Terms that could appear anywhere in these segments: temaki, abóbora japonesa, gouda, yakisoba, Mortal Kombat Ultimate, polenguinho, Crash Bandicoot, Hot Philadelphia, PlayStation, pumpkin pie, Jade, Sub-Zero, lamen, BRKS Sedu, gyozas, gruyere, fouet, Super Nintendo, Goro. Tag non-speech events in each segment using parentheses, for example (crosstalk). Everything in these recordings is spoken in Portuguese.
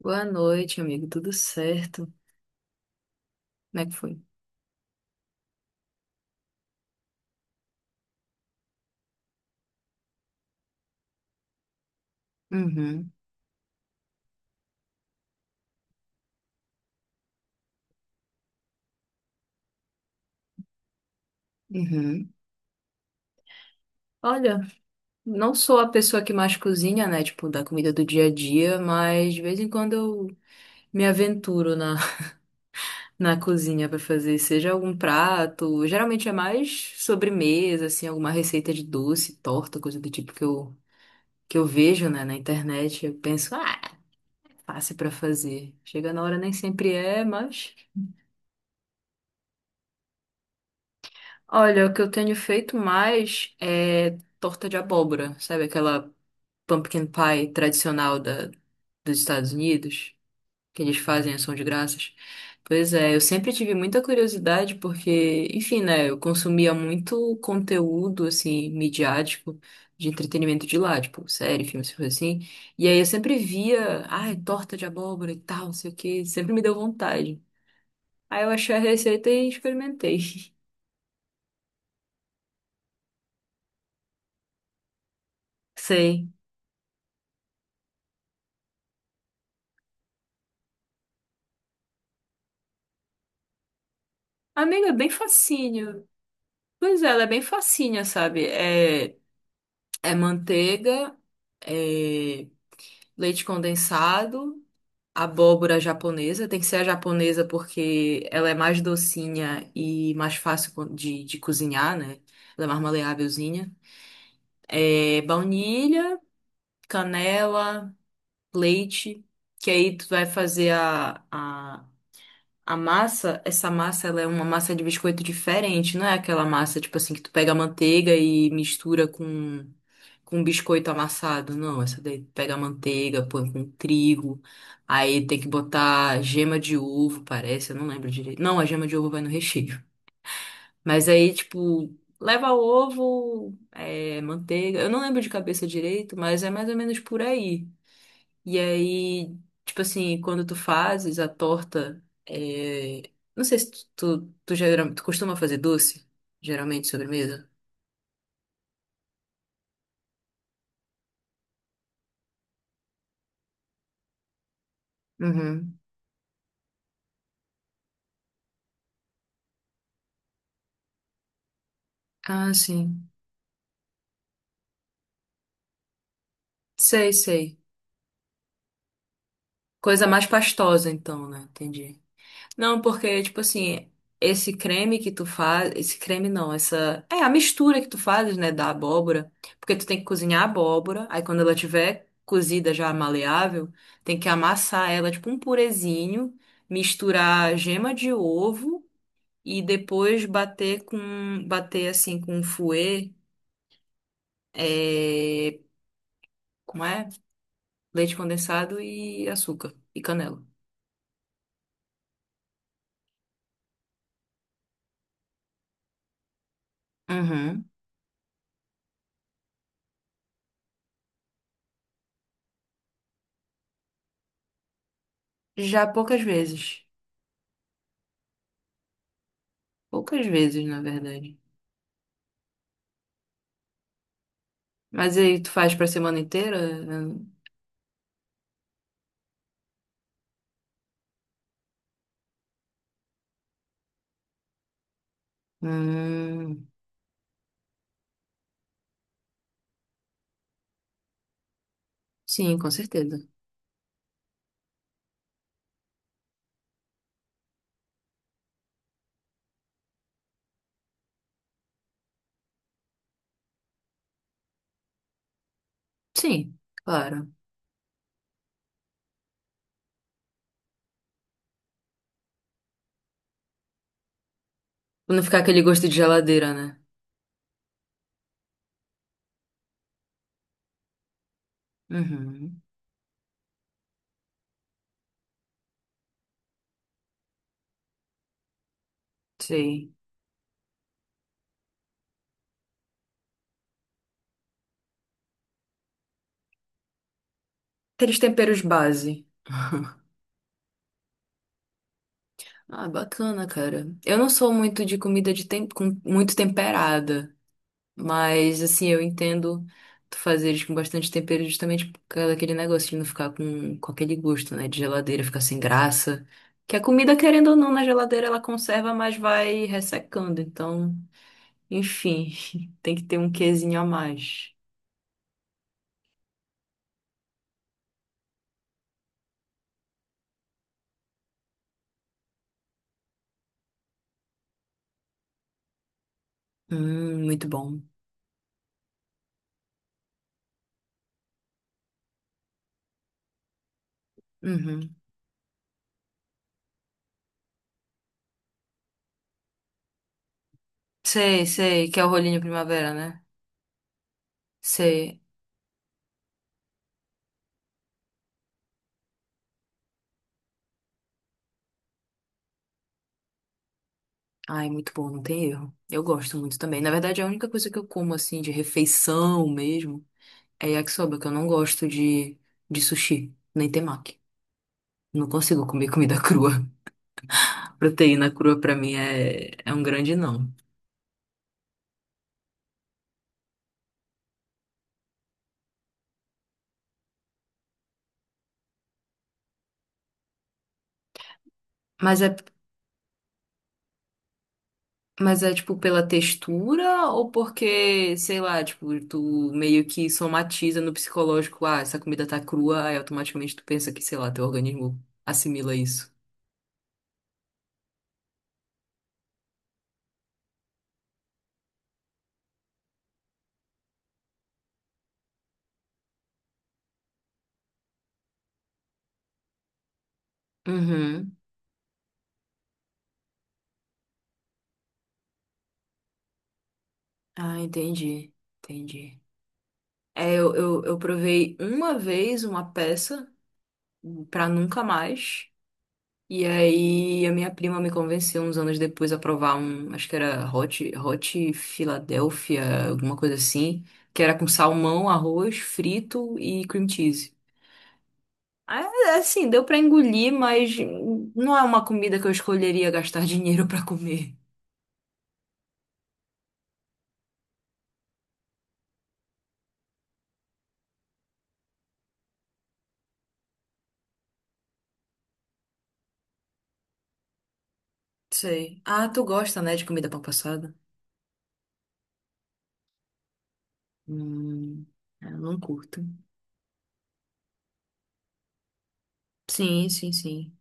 Boa noite, amigo. Tudo certo? Como é que foi? Uhum, uhum. Olha, não sou a pessoa que mais cozinha, né? Tipo, da comida do dia a dia, mas de vez em quando eu me aventuro na, (laughs) na cozinha pra fazer, seja algum prato. Geralmente é mais sobremesa, assim, alguma receita de doce, torta, coisa do tipo que eu vejo, né, na internet. Eu penso, ah, fácil pra fazer. Chega na hora nem sempre é, mas. Olha, o que eu tenho feito mais é torta de abóbora, sabe? Aquela pumpkin pie tradicional dos Estados Unidos, que eles fazem ação de graças. Pois é, eu sempre tive muita curiosidade porque, enfim, né, eu consumia muito conteúdo, assim, midiático, de entretenimento de lá, tipo, série, filmes, coisas assim. E aí eu sempre via, ai, torta de abóbora e tal, não sei o quê, sempre me deu vontade. Aí eu achei a receita e experimentei. (laughs) Sei. Amiga, é bem facinho. Pois é, ela é bem facinha, sabe? É, é manteiga, é leite condensado, abóbora japonesa. Tem que ser a japonesa porque ela é mais docinha e mais fácil co- de cozinhar, né? Ela é mais maleávelzinha. É baunilha, canela, leite, que aí tu vai fazer a massa. Essa massa, ela é uma massa de biscoito diferente, não é aquela massa, tipo assim, que tu pega a manteiga e mistura com biscoito amassado. Não, essa daí tu pega a manteiga, põe com trigo, aí tem que botar gema de ovo, parece, eu não lembro direito. Não, a gema de ovo vai no recheio. Mas aí, tipo, leva ovo, é, manteiga, eu não lembro de cabeça direito, mas é mais ou menos por aí. E aí, tipo assim, quando tu fazes a torta, é, não sei se tu, geral- tu costuma fazer doce, geralmente sobremesa. Uhum. Ah, sim. Sei, sei. Coisa mais pastosa, então, né? Entendi. Não, porque, tipo assim, esse creme que tu faz. Esse creme não, essa. É a mistura que tu fazes, né, da abóbora. Porque tu tem que cozinhar a abóbora, aí quando ela tiver cozida já maleável, tem que amassar ela, tipo um purezinho, misturar gema de ovo e depois bater com. Bater assim com fouet, é, como é? Leite condensado e açúcar e canela. Uhum. Já poucas vezes. Poucas vezes, na verdade. Mas aí tu faz pra semana inteira? Hum, sim, com certeza. Sim, claro. Pra não ficar aquele gosto de geladeira, né? Uhum, sei. Aqueles temperos base. Ah, bacana, cara. Eu não sou muito de comida de tem... com muito temperada, mas assim, eu entendo tu fazer eles com bastante tempero justamente por causa daquele negócio de não ficar com aquele gosto, né? De geladeira, ficar sem graça. Que a comida, querendo ou não, na geladeira ela conserva, mas vai ressecando, então. Enfim, (laughs) tem que ter um quezinho a mais. Muito bom. Uhum. Sei, sei, que é o rolinho primavera, né? Sei. Ai, muito bom, não tem erro. Eu gosto muito também. Na verdade, a única coisa que eu como, assim, de refeição mesmo, é yakisoba, que eu não gosto de sushi, nem temaki. Não consigo comer comida crua. (laughs) Proteína crua, pra mim, é, é um grande não. Mas é Mas é tipo pela textura ou porque, sei lá, tipo, tu meio que somatiza no psicológico, ah, essa comida tá crua, aí automaticamente tu pensa que, sei lá, teu organismo assimila isso. Uhum. Ah, entendi. Entendi. É, eu provei uma vez uma peça pra nunca mais. E aí a minha prima me convenceu uns anos depois a provar um, acho que era Hot Philadelphia, alguma coisa assim, que era com salmão, arroz frito e cream cheese. Ah, assim, deu pra engolir, mas não é uma comida que eu escolheria gastar (laughs) dinheiro pra comer. Sei. Ah, tu gosta, né, de comida pão passada? Hum, é, eu não curto. Sim, sim, sim.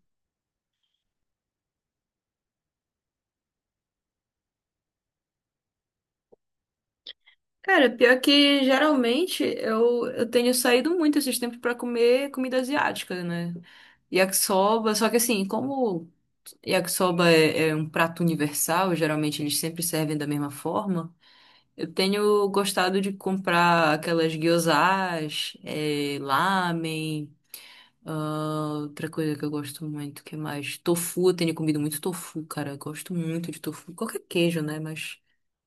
Cara, pior que geralmente eu tenho saído muito esses tempos pra comer comida asiática, né? Yakisoba, só que assim, como yakisoba é, é um prato universal, geralmente eles sempre servem da mesma forma, eu tenho gostado de comprar aquelas gyozas, eh, lamen, ah, outra coisa que eu gosto muito, que mais? Tofu, eu tenho comido muito tofu, cara, eu gosto muito de tofu, qualquer queijo, né, mas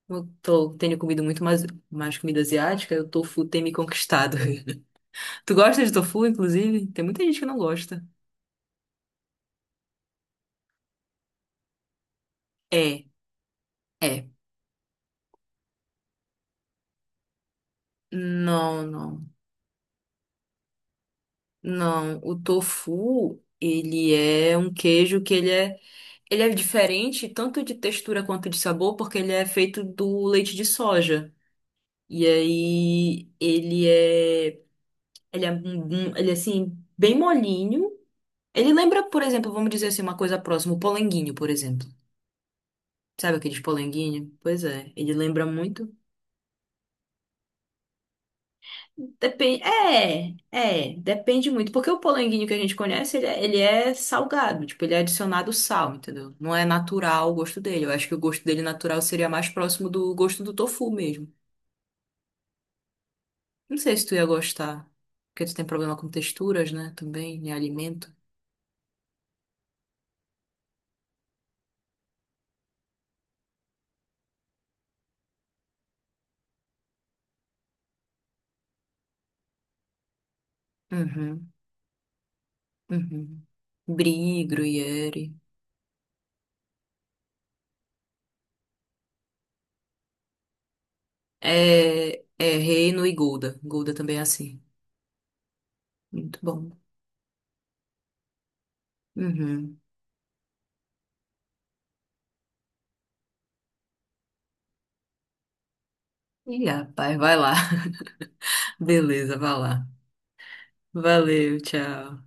eu tô- tenho comido muito mais, mais comida asiática, o tofu tem me conquistado. (laughs) Tu gosta de tofu, inclusive? Tem muita gente que não gosta. É. É. Não, não. Não, o tofu, ele é um queijo que ele é diferente tanto de textura quanto de sabor, porque ele é feito do leite de soja. E aí ele é, um- um- ele é assim bem molinho. Ele lembra, por exemplo, vamos dizer assim, uma coisa próxima, o polenguinho, por exemplo. Sabe aqueles polenguinho? Pois é, ele lembra muito. Depende, é, é, depende muito, porque o polenguinho que a gente conhece, ele é salgado, tipo, ele é adicionado sal, entendeu? Não é natural o gosto dele. Eu acho que o gosto dele natural seria mais próximo do gosto do tofu mesmo. Não sei se tu ia gostar, porque tu tem problema com texturas, né, também, em alimento. Uhum, uhum. Brie, gruyere. É, é reino e gouda. Gouda também é assim. Muito bom. Uhum. Ih, rapaz, vai lá. (laughs) Beleza, vai lá. Valeu, tchau.